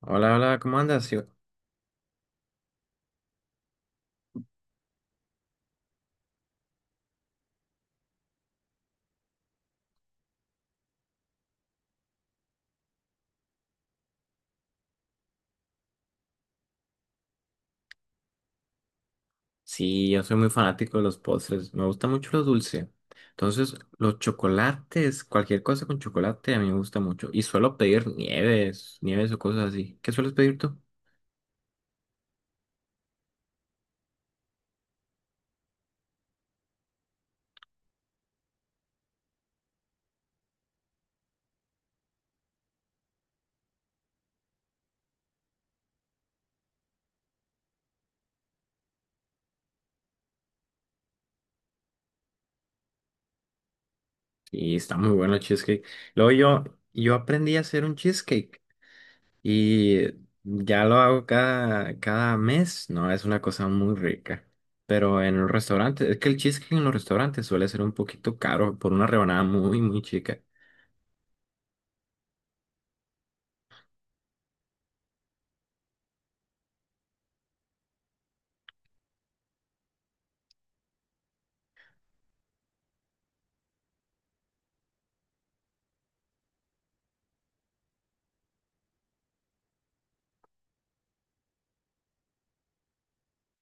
Hola, hola, ¿cómo andas? Sí, yo soy muy fanático de los postres, me gusta mucho lo dulce. Entonces, los chocolates, cualquier cosa con chocolate a mí me gusta mucho. Y suelo pedir nieves o cosas así. ¿Qué sueles pedir tú? Y está muy bueno el cheesecake. Luego yo aprendí a hacer un cheesecake y ya lo hago cada mes. No, es una cosa muy rica. Pero en un restaurante, es que el cheesecake en los restaurantes suele ser un poquito caro por una rebanada muy chica.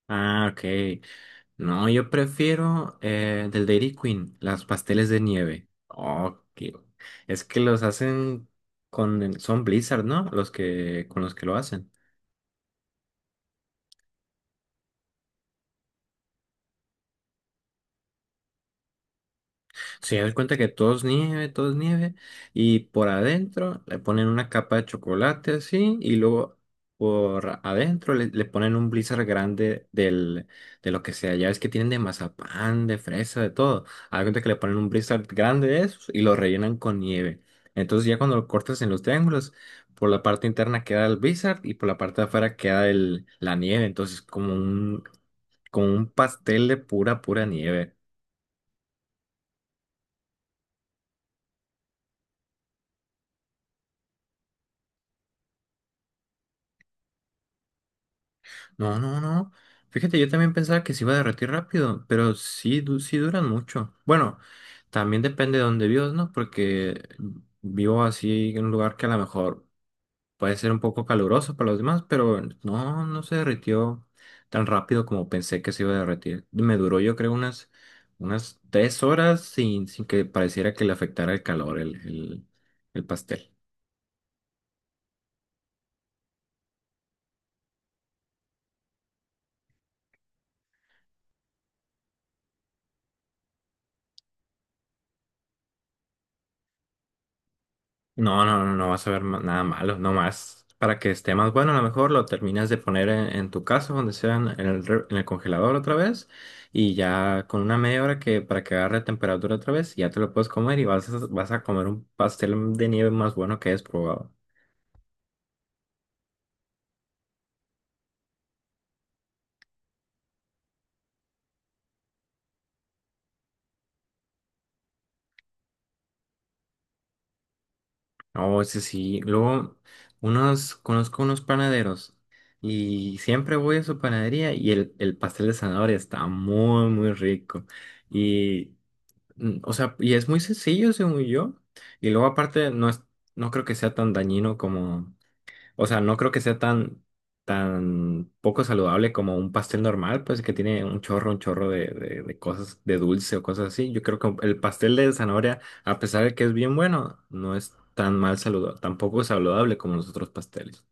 Ah, ok. No, yo prefiero del Dairy Queen, las pasteles de nieve. Es que los hacen son Blizzard, ¿no? Los que con los que lo hacen. Se dan cuenta que todo es nieve, y por adentro le ponen una capa de chocolate así, y luego por adentro le ponen un blizzard grande de lo que sea. Ya ves que tienen de mazapán, de fresa, de todo. Hagan cuenta que le ponen un blizzard grande de esos y lo rellenan con nieve. Entonces ya cuando lo cortas en los triángulos, por la parte interna queda el blizzard y por la parte de afuera queda la nieve. Entonces como un pastel de pura nieve. No, no, no. Fíjate, yo también pensaba que se iba a derretir rápido, pero sí, sí duran mucho. Bueno, también depende de dónde vivas, ¿no? Porque vivo así en un lugar que a lo mejor puede ser un poco caluroso para los demás, pero no, no se derritió tan rápido como pensé que se iba a derretir. Me duró, yo creo, unas 3 horas sin que pareciera que le afectara el calor, el pastel. No, no, no vas a ver nada malo, no más. Para que esté más bueno, a lo mejor lo terminas de poner en tu casa, donde sea, en en el congelador otra vez, y ya con una media hora que para que agarre temperatura otra vez, ya te lo puedes comer y vas a, vas a comer un pastel de nieve más bueno que hayas probado. No, ese sí. Luego, unos, conozco unos panaderos y siempre voy a su panadería y el pastel de zanahoria está muy rico. Y. Mm, o sea, y es muy sencillo, según yo. Y luego aparte no creo que sea tan dañino como, o sea, no creo que sea tan poco saludable como un pastel normal, pues que tiene un chorro de cosas, de dulce o cosas así. Yo creo que el pastel de zanahoria, a pesar de que es bien bueno, no es tan mal saludable, tampoco saludable como los otros pasteles.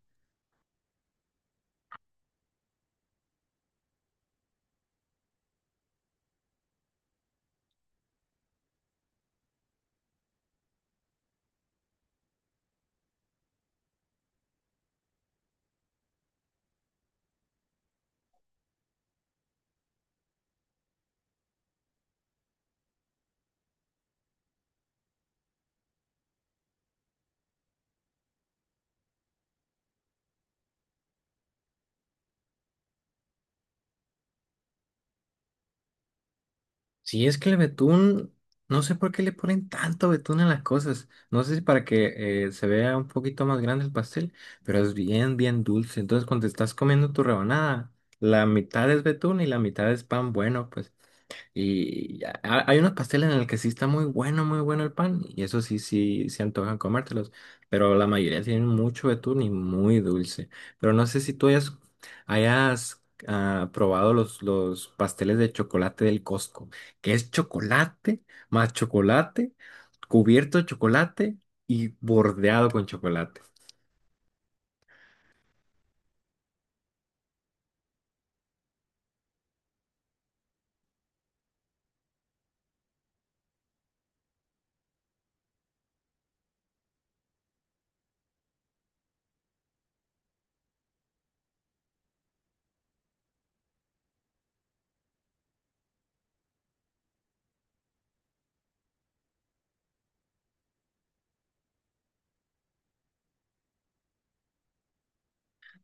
Sí, es que el betún, no sé por qué le ponen tanto betún a las cosas. No sé si para que se vea un poquito más grande el pastel, pero es bien dulce. Entonces, cuando te estás comiendo tu rebanada, la mitad es betún y la mitad es pan bueno, pues. Y ha- hay unos pasteles en el que sí está muy bueno, muy bueno el pan, y eso sí, sí, se antojan comértelos, pero la mayoría tienen mucho betún y muy dulce. Pero no sé si tú hayas probado los pasteles de chocolate del Costco, que es chocolate más chocolate, cubierto de chocolate y bordeado con chocolate.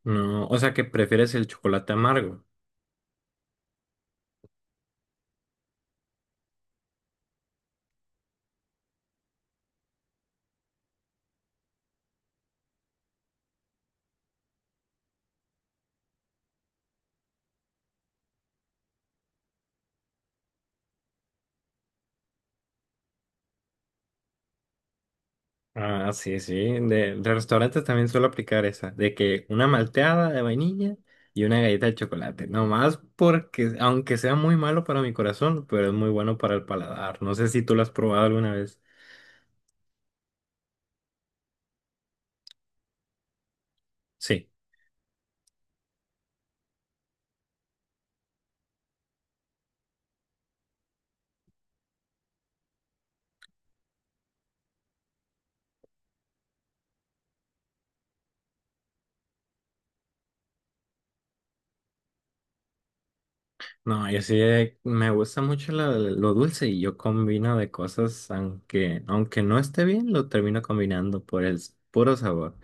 No, o sea que prefieres el chocolate amargo. Ah, sí, sí. De restaurantes también suelo aplicar esa, de que una malteada de vainilla y una galleta de chocolate. Nomás porque, aunque sea muy malo para mi corazón, pero es muy bueno para el paladar. No sé si tú lo has probado alguna vez. Sí. No, yo sí me gusta mucho lo dulce y yo combino de cosas, aunque no esté bien, lo termino combinando por puro sabor.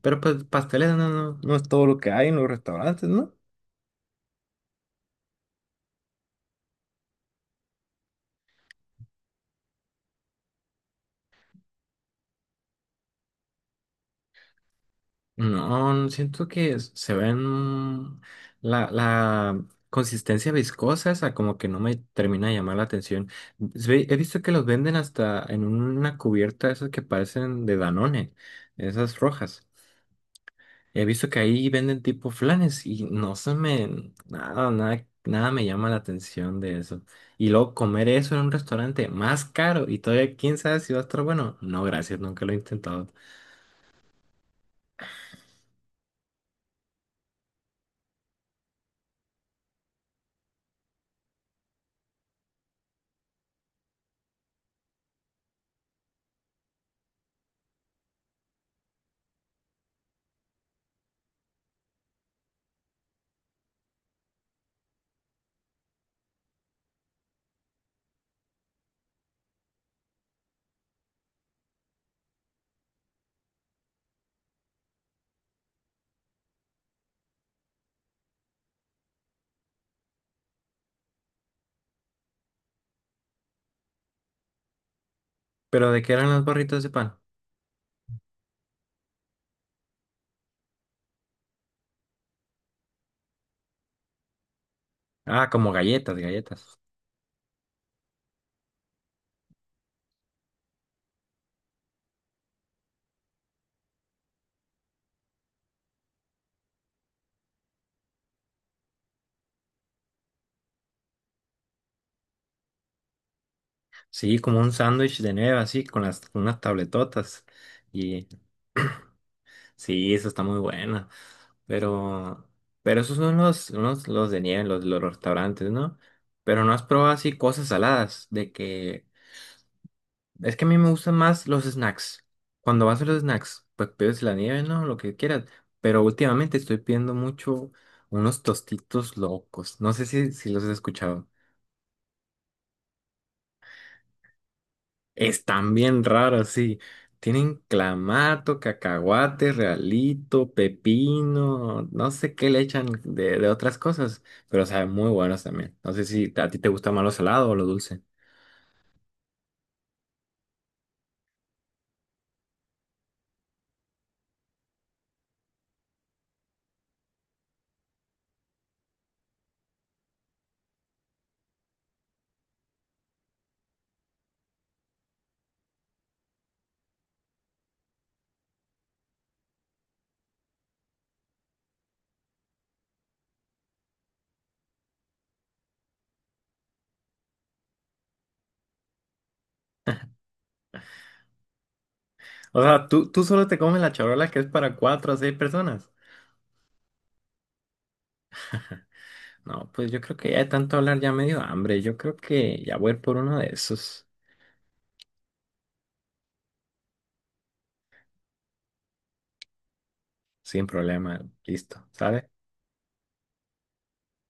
Pero pues pasteles no, no, no es todo lo que hay en los restaurantes, ¿no? No, siento que se ven la consistencia viscosa, esa como que no me termina de llamar la atención. He visto que los venden hasta en una cubierta, esas que parecen de Danone, esas rojas. He visto que ahí venden tipo flanes y no se me, nada me llama la atención de eso. Y luego comer eso en un restaurante más caro y todavía quién sabe si va a estar bueno. No, gracias, nunca lo he intentado. Pero ¿de qué eran las barritas de pan? Ah, como galletas, galletas. Sí, como un sándwich de nieve así, con con unas tabletotas. Y sí, eso está muy bueno. Pero, pero esos son los de nieve, los restaurantes, ¿no? Pero no has probado así cosas saladas, de que... Es que a mí me gustan más los snacks. Cuando vas a los snacks, pues pides la nieve, ¿no? Lo que quieras. Pero últimamente estoy pidiendo mucho unos tostitos locos. No sé si los has escuchado. Están bien raros, sí. Tienen clamato, cacahuate, realito, pepino, no sé qué le echan de otras cosas, pero saben muy buenos también. No sé si a ti te gusta más lo salado o lo dulce. O sea, ¿ tú solo te comes la charola que es para 4 o 6 personas? No, pues yo creo que ya de tanto hablar ya me dio hambre. Yo creo que ya voy a ir por uno de esos sin problema. Listo, ¿sabes?